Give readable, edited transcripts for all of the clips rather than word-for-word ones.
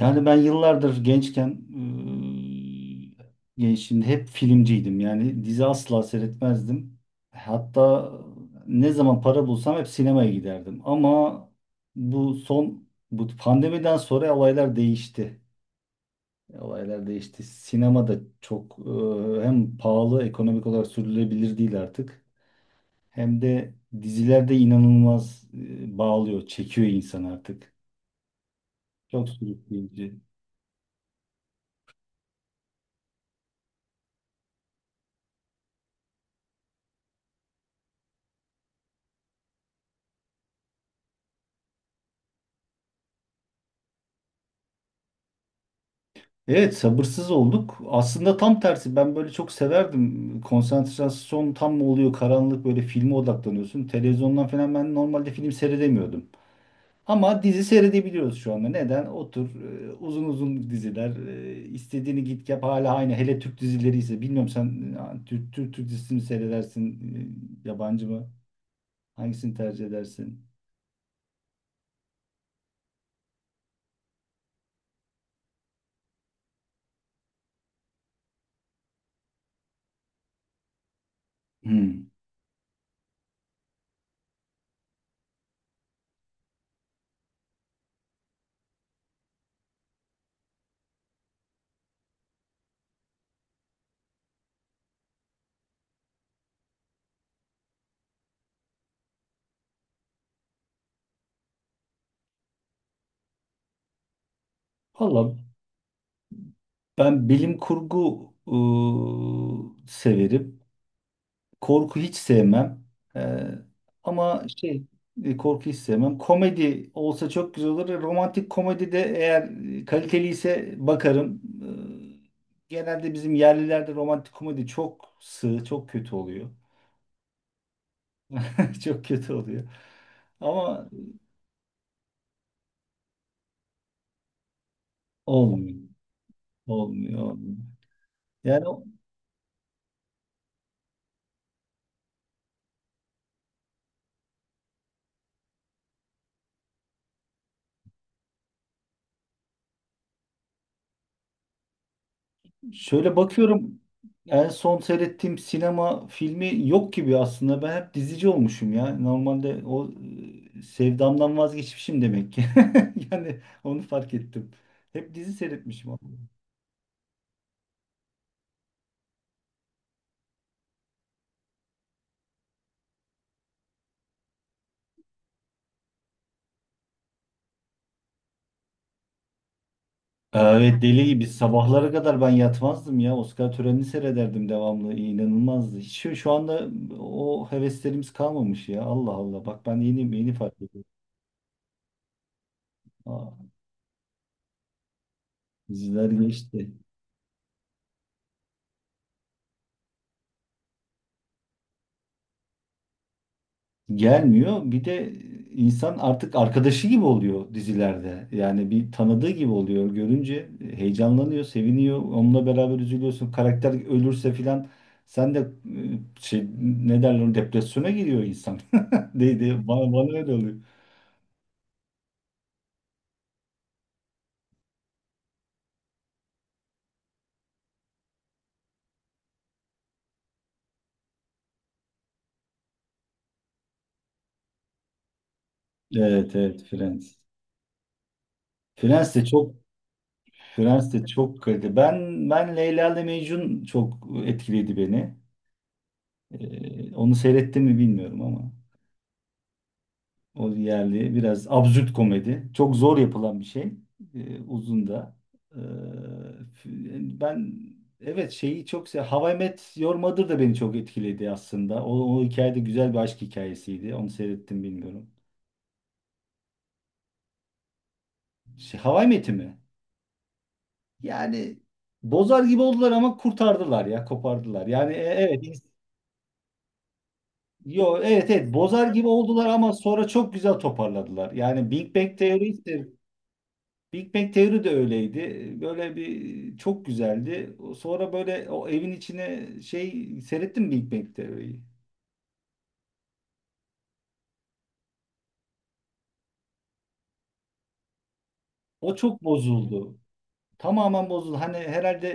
Yani ben yıllardır gençken şimdi hep filmciydim. Yani dizi asla seyretmezdim. Hatta ne zaman para bulsam hep sinemaya giderdim. Ama bu son bu pandemiden sonra olaylar değişti. Olaylar değişti. Sinema da çok hem pahalı, ekonomik olarak sürdürülebilir değil artık. Hem de dizilerde inanılmaz bağlıyor, çekiyor insan artık. Çok sürükleyici. Evet, sabırsız olduk. Aslında tam tersi, ben böyle çok severdim. Konsantrasyon tam mı oluyor, karanlık, böyle filme odaklanıyorsun. Televizyondan falan ben normalde film seyredemiyordum. Ama dizi seyredebiliyoruz şu anda. Neden? Otur uzun uzun diziler, istediğini git yap, hala aynı. Hele Türk dizileri ise, bilmiyorum sen Türk dizisini mi seyredersin, yabancı mı? Hangisini tercih edersin? Hmm. Valla ben bilim kurgu severim. Korku hiç sevmem. Ee, ama şey, korku hiç sevmem. Komedi olsa çok güzel olur. Romantik komedi de, eğer kaliteli ise, bakarım. Genelde bizim yerlilerde romantik komedi çok sığ, çok kötü oluyor. Çok kötü oluyor. Ama olmuyor. Olmuyor, olmuyor. Yani şöyle bakıyorum, en son seyrettiğim sinema filmi yok gibi aslında. Ben hep dizici olmuşum ya. Normalde o sevdamdan vazgeçmişim demek ki. Yani onu fark ettim. Hep dizi seyretmişim aslında. Evet, deli gibi sabahlara kadar ben yatmazdım ya. Oscar törenini seyrederdim devamlı. İnanılmazdı. Hiç şu anda o heveslerimiz kalmamış ya. Allah Allah. Bak ben yeni yeni fark ediyorum. Aa, diziler geçti. Gelmiyor. Bir de insan artık arkadaşı gibi oluyor dizilerde. Yani bir tanıdığı gibi oluyor. Görünce heyecanlanıyor, seviniyor. Onunla beraber üzülüyorsun. Karakter ölürse filan sen de şey, ne derler ona, depresyona giriyor insan. Deydi. Bana öyle oluyor. Evet evet, Friends. Friends de çok, Friends de çok kaliteli. Ben Leyla ile Mecnun çok etkiledi beni. Onu seyrettim mi bilmiyorum ama. O yerli biraz absürt komedi. Çok zor yapılan bir şey. Uzun da. Ee, yani ben, evet, şeyi çok sev, How I Met Your Mother da beni çok etkiledi aslında. O hikaye de güzel bir aşk hikayesiydi. Onu seyrettim, bilmiyorum. Şey, How I Met'i mi? Yani bozar gibi oldular ama kurtardılar ya, kopardılar. Yani e- evet ins- Yo, evet evet, bozar gibi oldular ama sonra çok güzel toparladılar. Yani Big Bang Theory, Big Bang Theory de öyleydi. Böyle bir çok güzeldi. Sonra böyle o evin içine şey, seyrettim mi Big Bang Theory'yi. O çok bozuldu. Tamamen bozuldu. Hani herhalde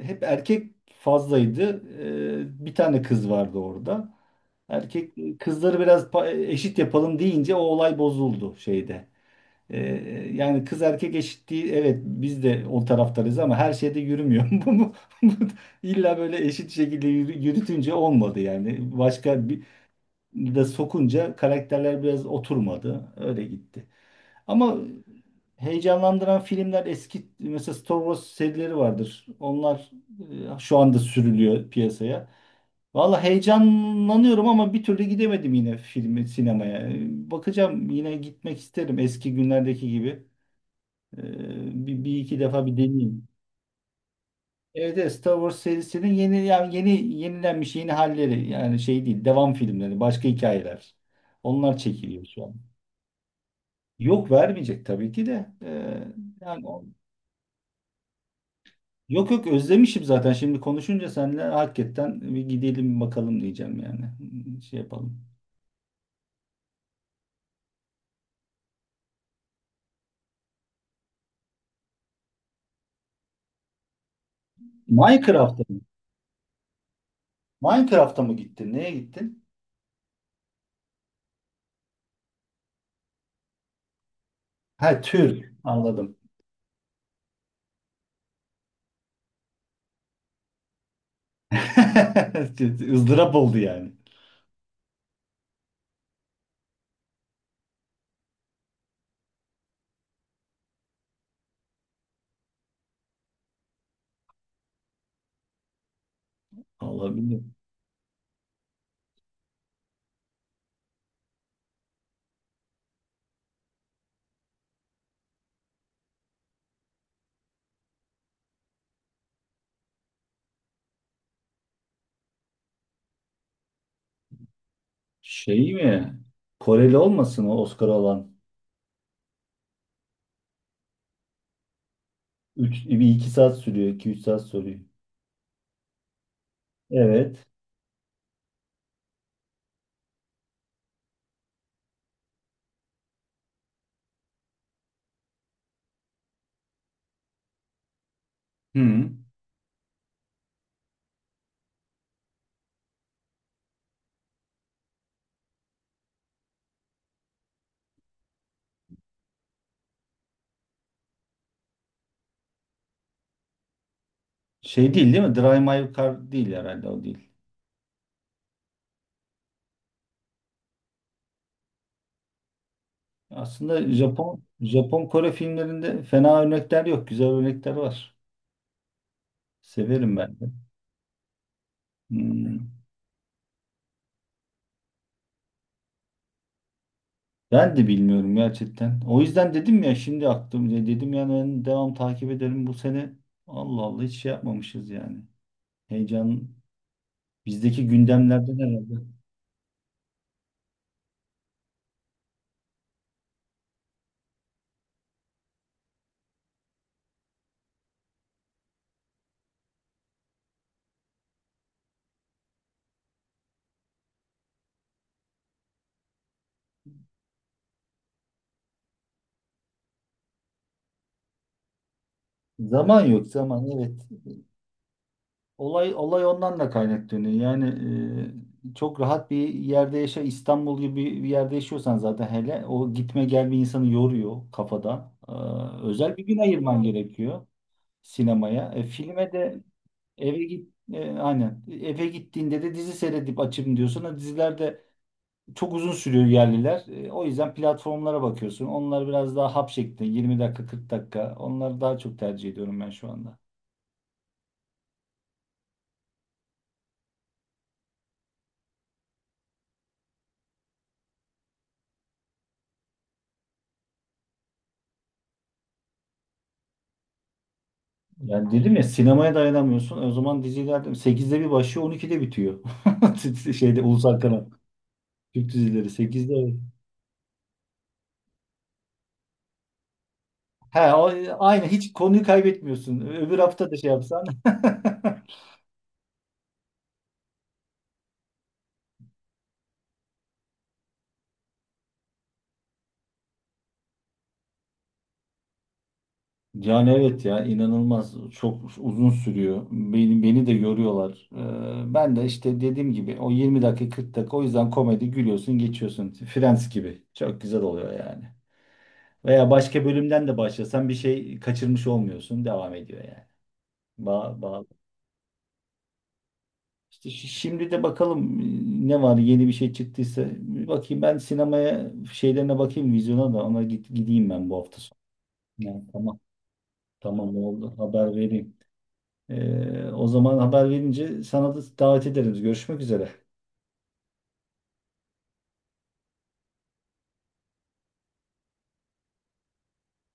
hep erkek fazlaydı. E, bir tane kız vardı orada. Erkek kızları biraz pa- eşit yapalım deyince o olay bozuldu şeyde. Ee, yani kız erkek eşitliği, evet biz de o taraftarız ama her şeyde yürümüyor. Bu illa böyle eşit şekilde yürü- yürütünce olmadı yani. Başka bir de sokunca karakterler biraz oturmadı. Öyle gitti. Ama heyecanlandıran filmler, eski mesela Star Wars serileri vardır. Onlar şu anda sürülüyor piyasaya. Valla heyecanlanıyorum ama bir türlü gidemedim yine filmi sinemaya. Bakacağım, yine gitmek isterim eski günlerdeki gibi. Bir iki defa bir deneyeyim. Evet evet, Star Wars serisinin yeni, yani yeni yenilenmiş yeni halleri, yani şey değil, devam filmleri, başka hikayeler. Onlar çekiliyor şu an. Yok, vermeyecek tabii ki de. Yani o- yok yok, özlemişim zaten, şimdi konuşunca seninle hakikaten bir gidelim bakalım diyeceğim yani. Hmm, şey yapalım. Minecraft'a mı? Minecraft'a mı gittin? Neye gittin? Ha, tür. Anladım. Izdırap oldu yani. Olabilir. Şey mi? Koreli olmasın o Oscar alan? 3 bir 2 saat sürüyor, 2 üç saat sürüyor. Evet. Hı. Şey değil değil mi? Drive My Car değil herhalde, o değil. Aslında Japon Kore filmlerinde fena örnekler yok. Güzel örnekler var. Severim ben de. Hmm. Ben de bilmiyorum gerçekten. O yüzden dedim ya, şimdi aklım dedim, yani ben devam takip ederim bu sene. Allah Allah, hiç şey yapmamışız yani. Heyecan bizdeki gündemlerden herhalde. Zaman yok, zaman, evet. Olay ondan da kaynaklanıyor. Yani çok rahat bir yerde yaşa, İstanbul gibi bir yerde yaşıyorsan zaten, hele o gitme gel bir insanı yoruyor kafada. Özel bir gün ayırman gerekiyor sinemaya. E, filme de eve git, aynen, eve gittiğinde de dizi seyredip açayım diyorsun. O diziler de çok uzun sürüyor yerliler. E, o yüzden platformlara bakıyorsun. Onlar biraz daha hap şeklinde, 20 dakika, 40 dakika. Onları daha çok tercih ediyorum ben şu anda. Yani dedim ya, sinemaya dayanamıyorsun. E, o zaman diziler sekizde bir başlıyor, 12'de bitiyor. Şeyde, ulusal kanal. Türk dizileri sekizde. He o, aynı, hiç konuyu kaybetmiyorsun. Öbür hafta da şey yapsan. Yani evet ya, inanılmaz çok uzun sürüyor. Beni de yoruyorlar. Ben de işte dediğim gibi o 20 dakika 40 dakika, o yüzden komedi, gülüyorsun geçiyorsun. Friends gibi. Çok güzel oluyor yani. Veya başka bölümden de başlasan bir şey kaçırmış olmuyorsun. Devam ediyor yani. Bağ, bağ. İşte şi- şimdi de bakalım ne var, yeni bir şey çıktıysa bir bakayım, ben sinemaya şeylerine bakayım, vizyona da ona git, gideyim ben bu hafta sonu. Yani tamam, oldu, haber vereyim. O zaman haber verince sana da davet ederiz. Görüşmek üzere.